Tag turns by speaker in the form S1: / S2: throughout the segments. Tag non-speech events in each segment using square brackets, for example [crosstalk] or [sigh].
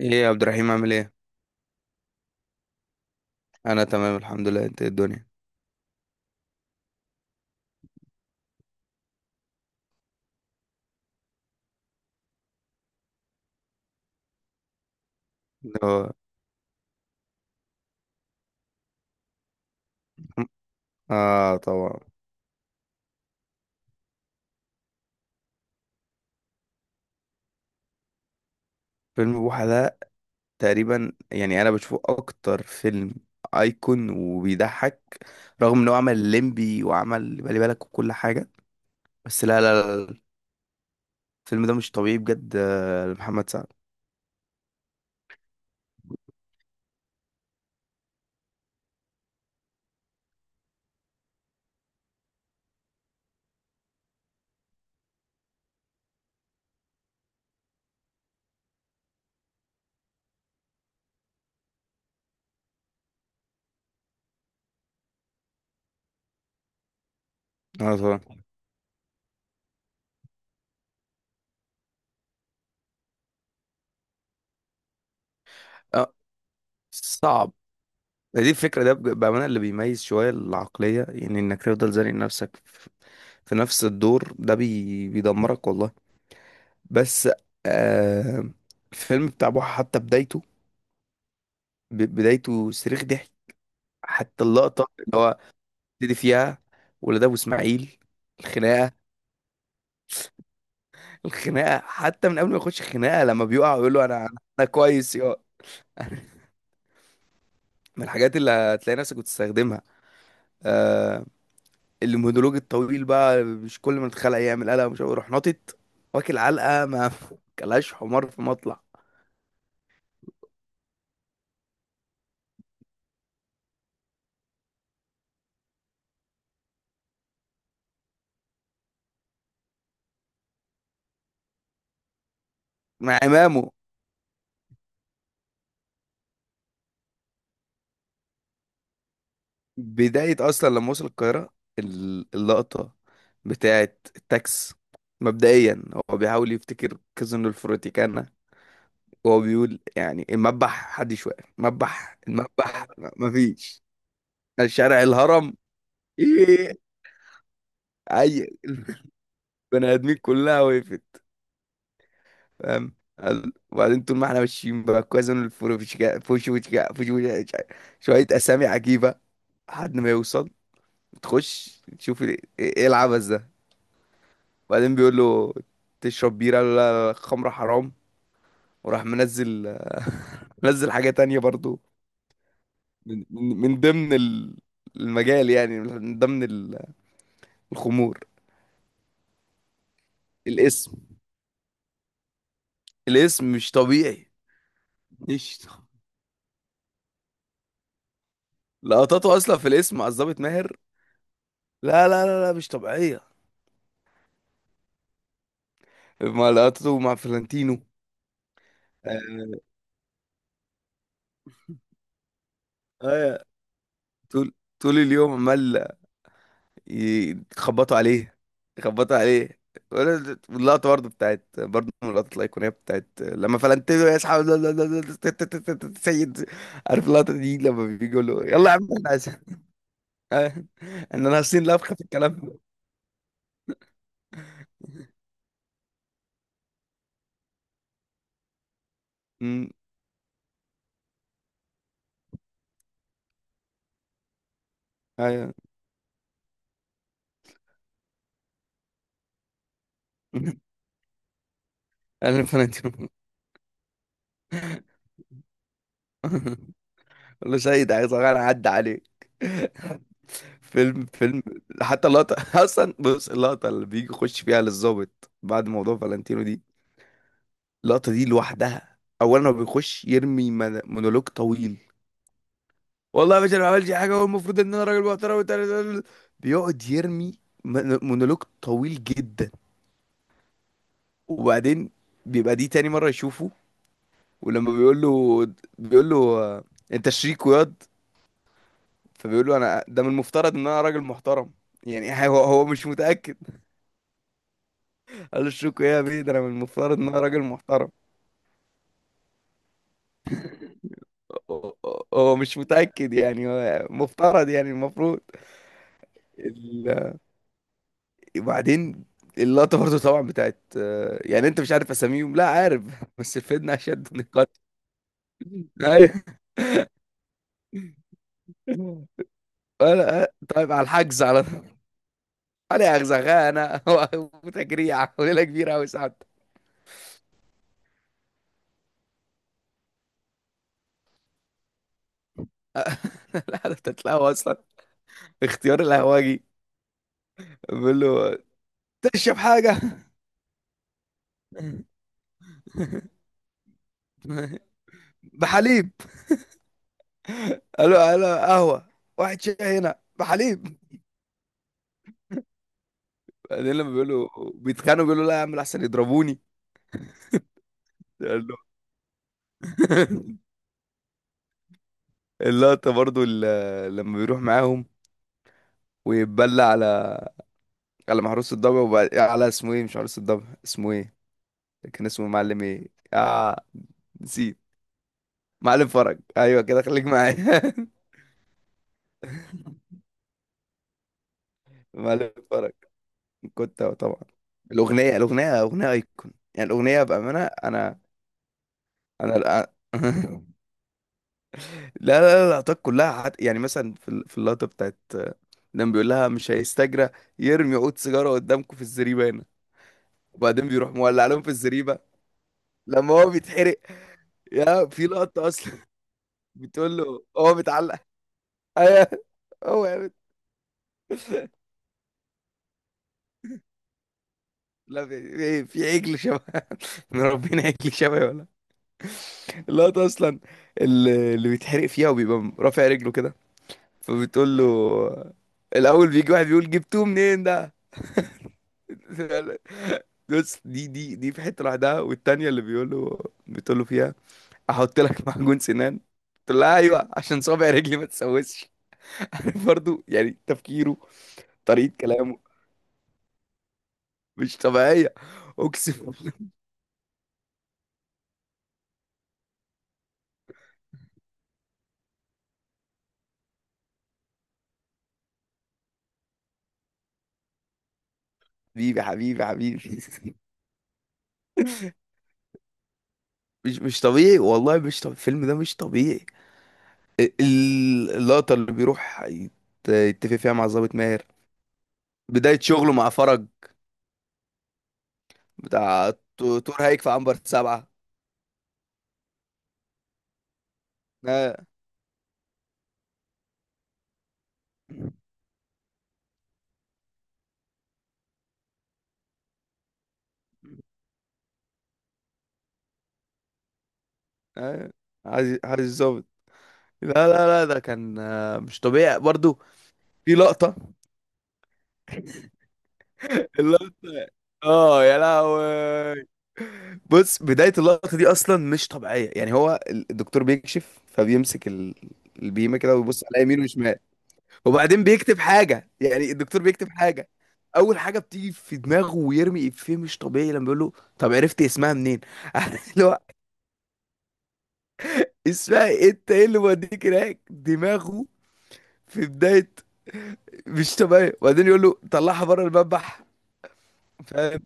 S1: ايه يا عبد الرحيم، عامل ايه؟ انا تمام الحمد لله. انت إيه الدنيا؟ هو. اه، طبعا. فيلم بوحة ده، تقريبا يعني انا بشوفه اكتر فيلم ايكون وبيضحك. رغم انه عمل ليمبي وعمل بالي بالك وكل حاجه. بس، لا لا لا لا، الفيلم ده مش طبيعي بجد، لمحمد سعد. اه، طبعا. اه، صعب. دي الفكره ده بامانه اللي بيميز شويه العقليه، يعني انك تفضل زانق نفسك في نفس الدور ده، بيدمرك والله. بس آه الفيلم بتاع بوحة، حتى بدايته، بدايته صريخ ضحك. حتى اللقطة اللي هو ابتدي فيها ولاد أبو إسماعيل، الخناقة. الخناقة حتى من قبل ما يخش الخناقة، لما بيقع ويقول له: أنا كويس يا. [laughs] من الحاجات اللي هتلاقي نفسك بتستخدمها. آه المونولوج الطويل بقى، مش كل ما تتخلق يعمل قلق مش عارف، يروح ناطط، واكل علقة ما، [laughs] كلاش حمار في مطلع. مع إمامه. بداية أصلا لما وصل القاهرة، اللقطة بتاعة التاكس. مبدئيا هو بيحاول يفتكر كازينو الفروتيكانا، وهو بيقول يعني: المذبح حدش واقف، مذبح، المذبح مفيش. الشارع الهرم، ايه. اي. [laughs] البني ادمين كلها وقفت. فاهم. وبعدين طول ما احنا ماشيين، بقى كازينو الفروتيكانا، فوشوتيكا، فوشوتيكا. شوية اسامي عجيبة لحد ما يوصل، تخش تشوف، إيه العبث ده؟ وبعدين بيقول له: تشرب بيرة؟ قال له: لا لا لا، خمرة حرام. وراح منزل [laughs] منزل حاجة تانية برضو، من ضمن المجال، يعني من ضمن الخمور. الاسم، الاسم مش طبيعي. مش ط- لقطاته اصلا في الاسم مع الظابط ماهر، لا لا لا لا، مش طبيعية. مع لقطاته مع فلانتينو. آه آه، طول طول اليوم عمال يخبطوا عليه، يخبطوا عليه. واللقطة برضه بتاعت، برضه من اللقطات الأيقونية بتاعت لما فلنتينو يسحب [laughs] سيد. عارف اللقطة دي، لما بيجي يقول له: يلا يا عم، احنا عايزين، [laughs] آه، ان انا هصين لفخة في الكلام. أمم، ايوه. [laughs] انا فلنتينو. [laughs] قال له: سيد، عايز اغير، عدى عليك. [laughs] فيلم، فيلم. حتى اللقطة [laughs] اصلا، بص اللقطة اللي بيجي يخش فيها للظابط بعد موضوع فالنتينو دي، اللقطة دي لوحدها. اولا هو بيخش يرمي مونولوج طويل: والله يا باشا، انا ما عملتش حاجة، والمفروض ان انا راجل محترم بيقعد يرمي مونولوج طويل جدا. وبعدين بيبقى دي تاني مرة يشوفه، ولما بيقول له آه، انت شريك وياض، فبيقول له: انا ده من المفترض ان انا راجل محترم. يعني [laughs] هو مش متأكد. قال له: شريك ايه يا بيه، ده انا من المفترض ان انا راجل محترم. هو مش متأكد يعني، هو مفترض، يعني المفروض. وبعدين اللقطة برضه طبعا بتاعت يعني انت مش عارف اساميهم، لا عارف، [laughs] بس فدنا اشد من القتل. ايوه. ولا طيب على الحجز على طول. علي اغزغانة [laughs] وتجريع وليلة كبيرة قوي ساعات. [laughs] لا ده تتلاقوا اصلا. اختيار القهوجي، بيقول له: تشرب حاجة؟ [laughs] بحليب. قال له: قهوة. واحد شاي هنا بحليب. بعدين لما بيقول له بيتخانقوا، بيقول له: لا يا عم، احسن يضربوني. قال له. [laughs] اللقطة برضو لما بيروح معاهم ويتبلى على محروس الضبع، وبعد على اسمه ايه، مش محروس الضبع، اسمه ايه؟ كان اسمه معلم ايه؟ آه نسيت. معلم فرج، ايوه كده، خليك معايا. [laughs] معلم فرج. كنت طبعا الاغنية، اغنية ايكون، يعني الاغنية بأمانة، انا الآن- [laughs] لا لا لا، اللقطات كلها يعني مثلا في في اللقطة بتاعت، لما بيقول لها: مش هيستجرى يرمي عود سيجارة قدامكم في الزريبة هنا. وبعدين بيروح مولع لهم في الزريبة، لما هو بيتحرق. يا في لقطة أصلا بتقول له: هو متعلق؟ أيوه هو يا لا في, عجل شبه، [laughs] مربينا عجل شبه، ولا؟ اللقطة أصلا اللي بيتحرق فيها وبيبقى رافع رجله كده، فبتقول له. الأول بيجي واحد بيقول: جبتوه منين ده؟ بص، دي، دي في حتة لوحدها، والتانية اللي بيقول له، بتقول له فيها: أحط لك معجون سنان؟ تقول لها: أيوه، عشان صابع رجلي ما تسوسش. [laughs] عارف برضو يعني تفكيره، طريقة كلامه مش طبيعية، اقسم بالله. حبيبي، حبيبي، حبيبي. مش طبيعي، والله مش طبيعي، الفيلم ده مش طبيعي. اللقطة اللي بيروح يتفق فيها مع ضابط ماهر، بداية شغله مع فرج بتاع تور هيك في عنبر 7. آه. آه. عايز الظابط. لا لا لا، ده كان مش طبيعي برضو. في لقطة، [laughs] اللقطة، اه يا لهوي. بص، بداية اللقطة دي أصلا مش طبيعية، يعني هو الدكتور بيكشف، فبيمسك البيمة كده، ويبص على يمين وشمال، وبعدين بيكتب حاجة، يعني الدكتور بيكتب حاجة. أول حاجة بتيجي في دماغه ويرمي إفيه مش طبيعي لما بيقول له: طب عرفت اسمها منين؟ [laughs] عارف اللي هو، اسمها إيه؟ أنت إيه اللي موديك هناك؟ دماغه في بداية مش طبيعي، وبعدين يقول له: طلعها بره المذبح. فاهم،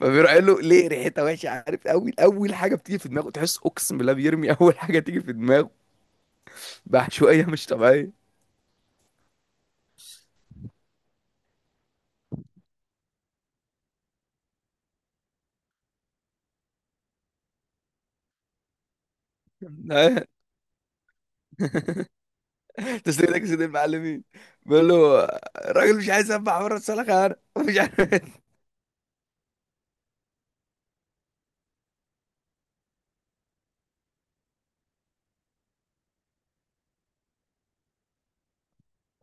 S1: فبيروح قال له: ليه؟ ريحتها وحشه. عارف، اول اول حاجه بتيجي في دماغه، تحس اقسم بالله بيرمي اول حاجه تيجي في دماغه بعشوائية مش طبيعية. [laughs] تسليم لك سيد المعلمين، بيقول له: الراجل مش عايز يسبح بره الصالة، خيانة، [laughs] مش عارف.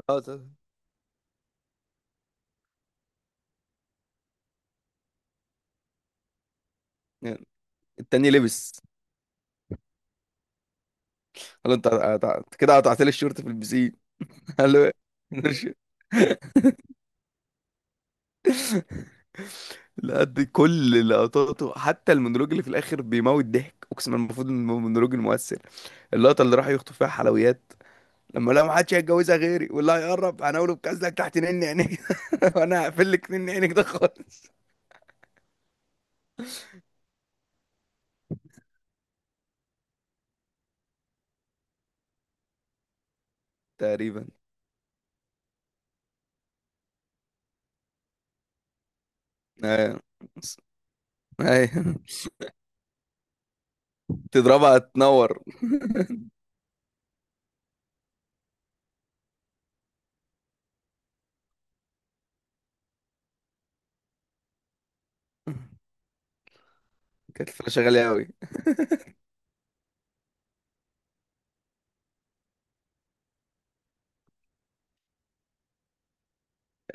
S1: اه، طب. التاني لبس. قال له: انت أنت كده قطعت لي الشورت في البسين. [laughs] قال له: إيه؟ [laughs] لا دي كل لقطاته، حتى المونولوج اللي في الاخر بيموت ضحك، اقسم بالله المفروض ان هو مونولوج المؤثر. اللقطه اللي راح يخطف فيها حلويات، لما لا ما حدش هيتجوزها غيري، واللي هيقرب هنقوله بكذلك تحت نن عينيك، [laughs] وانا هقفل لك نن عينك ده خالص. تقريبا، ايوه، ايوه. [laughs] تضربها تنور. [laughs] كانت الفلاشة غالية أوي.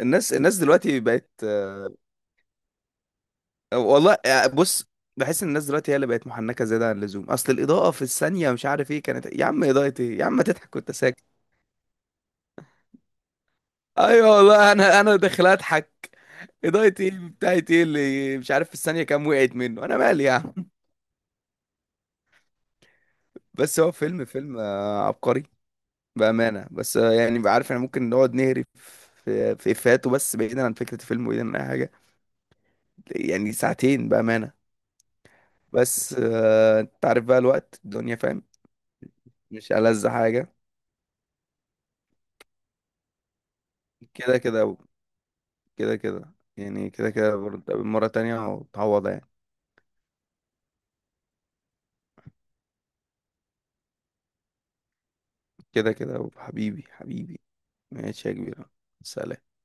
S1: الناس دلوقتي بقت والله بص، بحس ان الناس دلوقتي هي اللي بقت محنكة زيادة عن اللزوم. أصل الإضاءة في الثانية مش عارف إيه كانت. يا عم، إضاءة إيه؟ يا عم، ما تضحك وأنت ساكت؟ أيوه والله، أنا داخل أضحك. إضاءة إيه بتاعت إيه اللي مش عارف في الثانية كام؟ وقعت منه، أنا مالي يا عم؟ بس هو فيلم، فيلم، عبقري بأمانة. بس يعني بقى عارف، احنا ممكن نقعد نهري في إفيهاته، بس بعيدا عن فكرة الفيلم وبعيدا عن أي حاجة، يعني ساعتين بأمانة. بس أنت عارف بقى الوقت، الدنيا فاهم. مش ألذ حاجة. كده كده، كده كده يعني، كده كده برضه مرة تانية وتعوض يعني. كده كده، حبيبي، حبيبي. ماشي يا كبير. سلام.